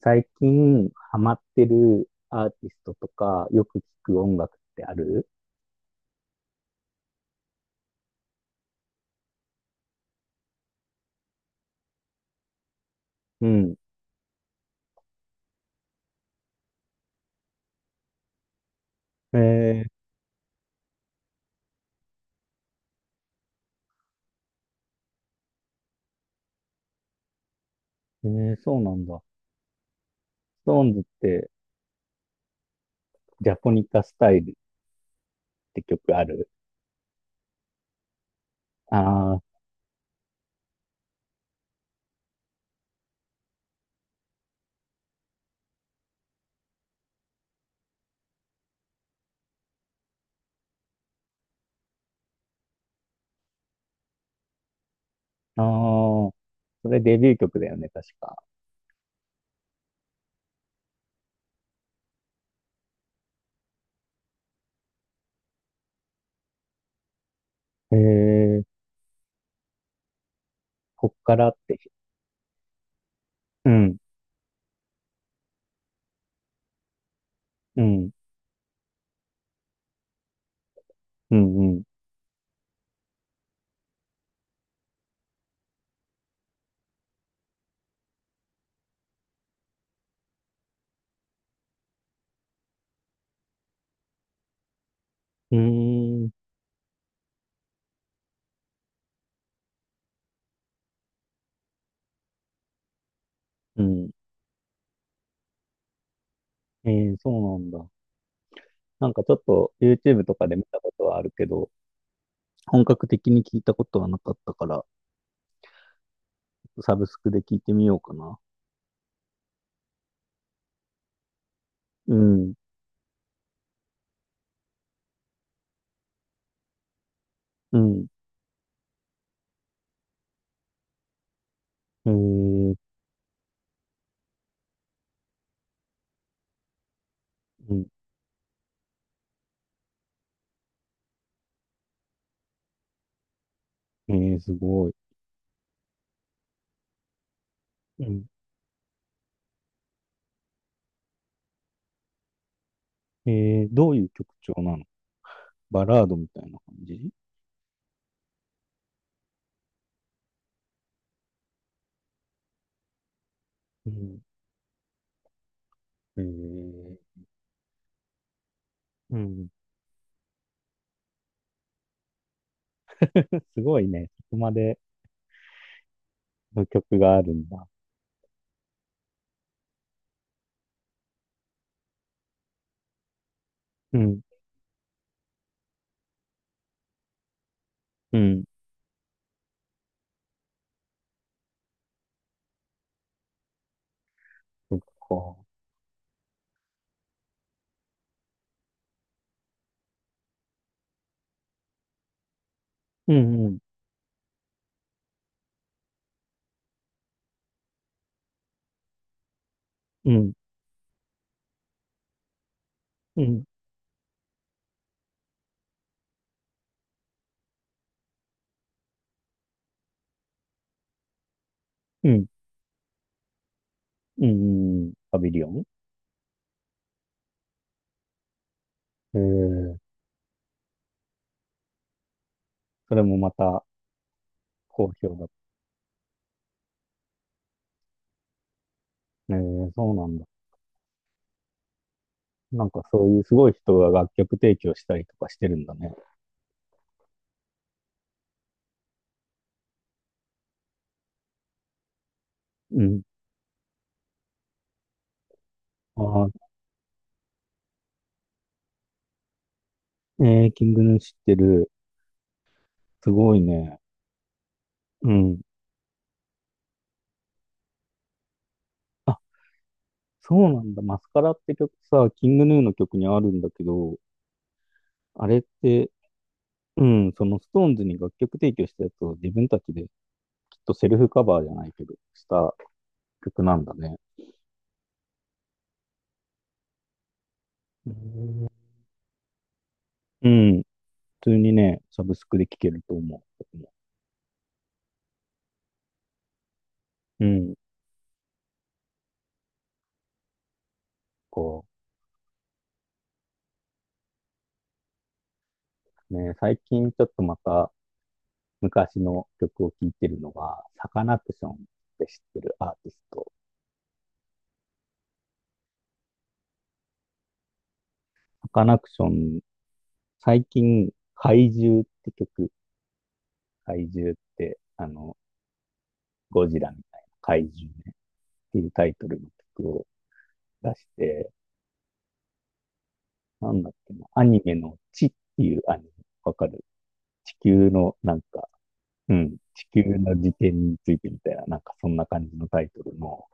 最近ハマってるアーティストとか、よく聞く音楽ってある？うん。えー、えー、そうなんだ。ストーンズって、ジャポニカスタイルって曲ある？ああー、あー。それデビュー曲だよね、確か。えー、こっからって。うん、うん、うん、うん。うーん、うん。えー、そうなんだ。なんかちょっと YouTube とかで見たことはあるけど、本格的に聞いたことはなかったから、サブスクで聞いてみようかな。うん。うん。えー、うん。えー、すごい。うん。えー、どういう曲調なの？バラードみたいな感じ？うん。えー、うん。すごいね。そこまでの曲があるんだ。うん。うん。そっか。うん。うん。うん。うん。うん。うん、パビリオン。えー、それもまた好評だった。えー、そうなんだ。なんかそういうすごい人が楽曲提供したりとかしてるんだね。うん。あー、えー、キングヌー知ってる。すごいね。うん。あ、そうなんだ。マスカラって曲さ、キングヌーの曲にあるんだけど、あれって、うん、そのストーンズに楽曲提供したやつを自分たちできっとセルフカバーじゃないけど、した曲なんだね。うんうん。普通にね、サブスクで聴けると思う。僕も、うん。こう、ね、最近ちょっとまた昔の曲を聴いてるのが、サカナクションって知ってるアーティスト。サカナクション、最近、怪獣って曲、怪獣って、あの、ゴジラみたいな怪獣ね、っていうタイトルの曲を出して、なんだっけな、アニメの地っていうアニメ、わかる？地球のなんか、うん、地球の時点についてみたいな、なんかそんな感じのタイトルの、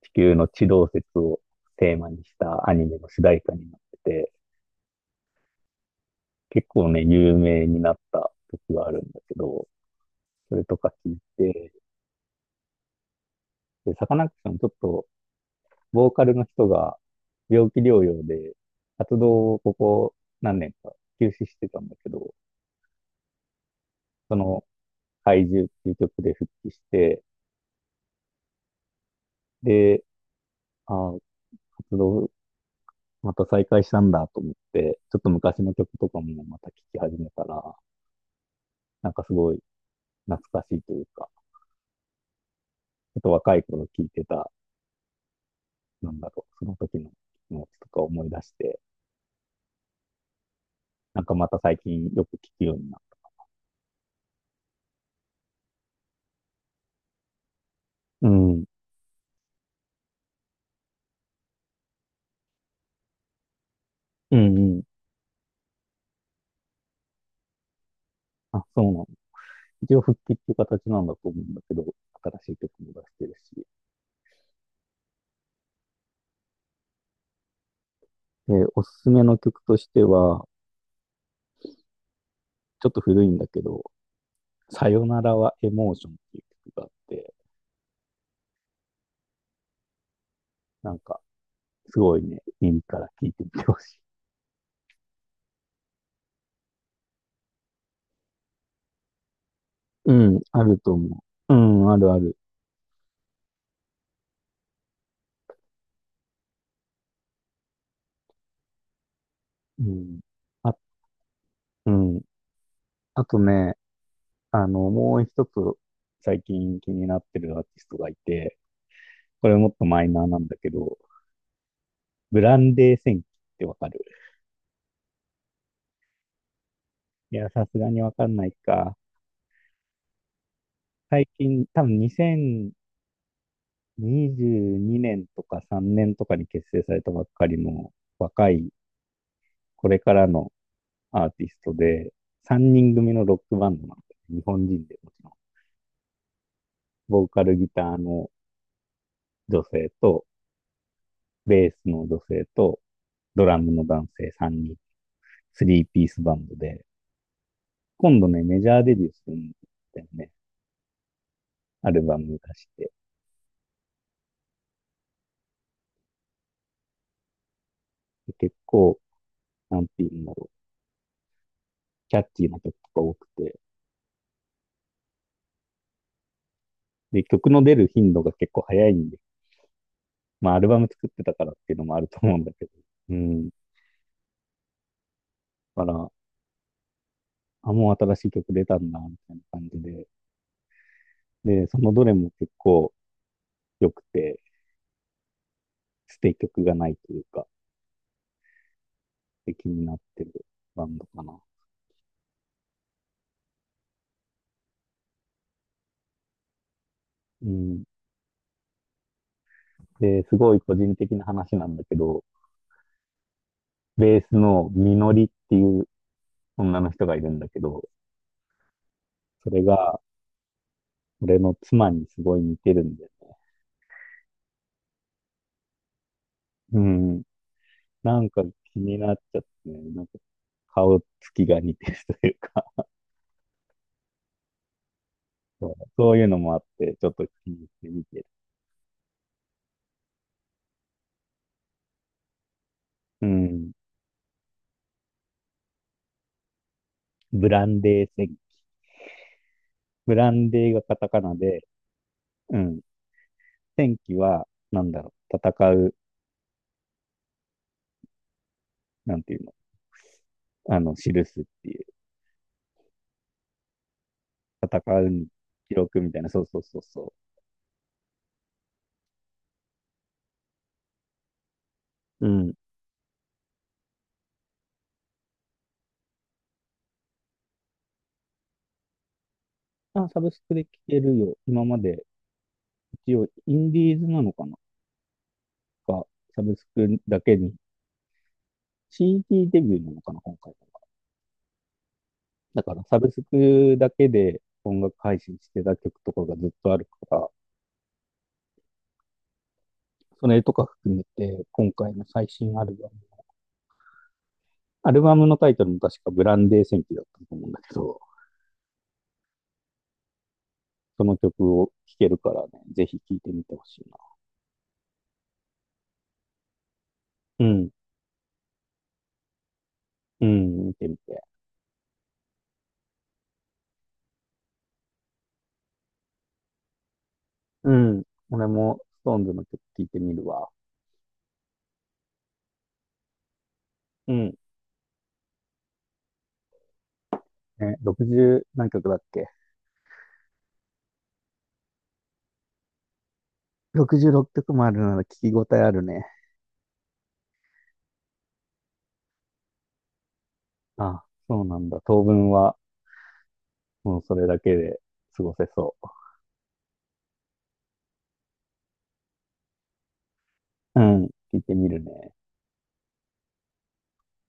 地球の地動説をテーマにしたアニメの主題歌になってて、結構ね、有名になった曲があるんだけど、それとか聞いて、で、サカナクションちょっとボーカルの人が病気療養で活動をここ何年か休止してたんだけど、その怪獣っていう曲で復帰して、で、あー、活動また再開したんだと思って、ちょっと昔の曲とかもまた聴き始めたら、なんかすごい懐かしいというか、ちょっと若い頃聴いてた、なんだろう、その時の気持ちとか思い出して、なんかまた最近よく聴くようになった。うん。うんうん。あ、そうなんだ。一応復帰っていう形なんだと思うんだけど、新しい曲も出してるし。で、おすすめの曲としては、ちょっと古いんだけど、さよならはエモーションっていう曲があって、なんか、すごいね、耳から聴いてみてほしい。うん、あると思う。うん、あるある。うん。あ、うん。あとね、あの、もう一つ最近気になってるアーティストがいて、これもっとマイナーなんだけど、ブランデー戦記ってわかる？いや、さすがにわかんないか。最近、多分2022年とか3年とかに結成されたばっかりの若い、これからのアーティストで、3人組のロックバンドなんで、日本人でもちろん。ボーカルギターの女性と、ベースの女性と、ドラムの男性3人、3ピースバンドで、今度ね、メジャーデビューするんだよね。アルバム出して。で結構、なんていうんだろう、キャッチーな曲とか多くて、で、曲の出る頻度が結構早いんで、まあ、アルバム作ってたからっていうのもあると思うんだけど。うん。だから、あ、もう新しい曲出たんだ、みたいな感じで。で、そのどれも結構良くて、捨て曲がないというか、気になってるバンドかな。うん。で、すごい個人的な話なんだけど、ベースのみのりっていう女の人がいるんだけど、それが俺の妻にすごい似てるんだよね。うん。なんか気になっちゃってね、なんか顔つきが似てるというか、そうそういうのもあって、ちょっと気に入ってみてる。うん。ブランデー戦記。ブランデーがカタカナで、うん。戦記は、なんだろう、戦う、なんていうの、あの、記すっていう、戦うに記録みたいな、そうそうそうそう。うん。あ、サブスクで聞けるよ。今まで、一応、インディーズなのかなが、サブスクだけに、CD ディーデビューなのかな、今回。だから、サブスクだけで音楽配信してた曲とかがずっとあるから、それとか含めて、今回の最新アルバム。アルバムのタイトルも確かブランデー戦記だったと思うんだけど、その曲を聴けるからね、ぜひ聴いてみてほしいな。うん。うん、見てみて。うん。俺も、ストーンズの曲聴いてみるわ。うん。ね、60何曲だっけ？ 66 曲もあるなら聞き応えあるね。あ、そうなんだ。当分は、もうそれだけで過ごせそう。うん。聴いてみるね。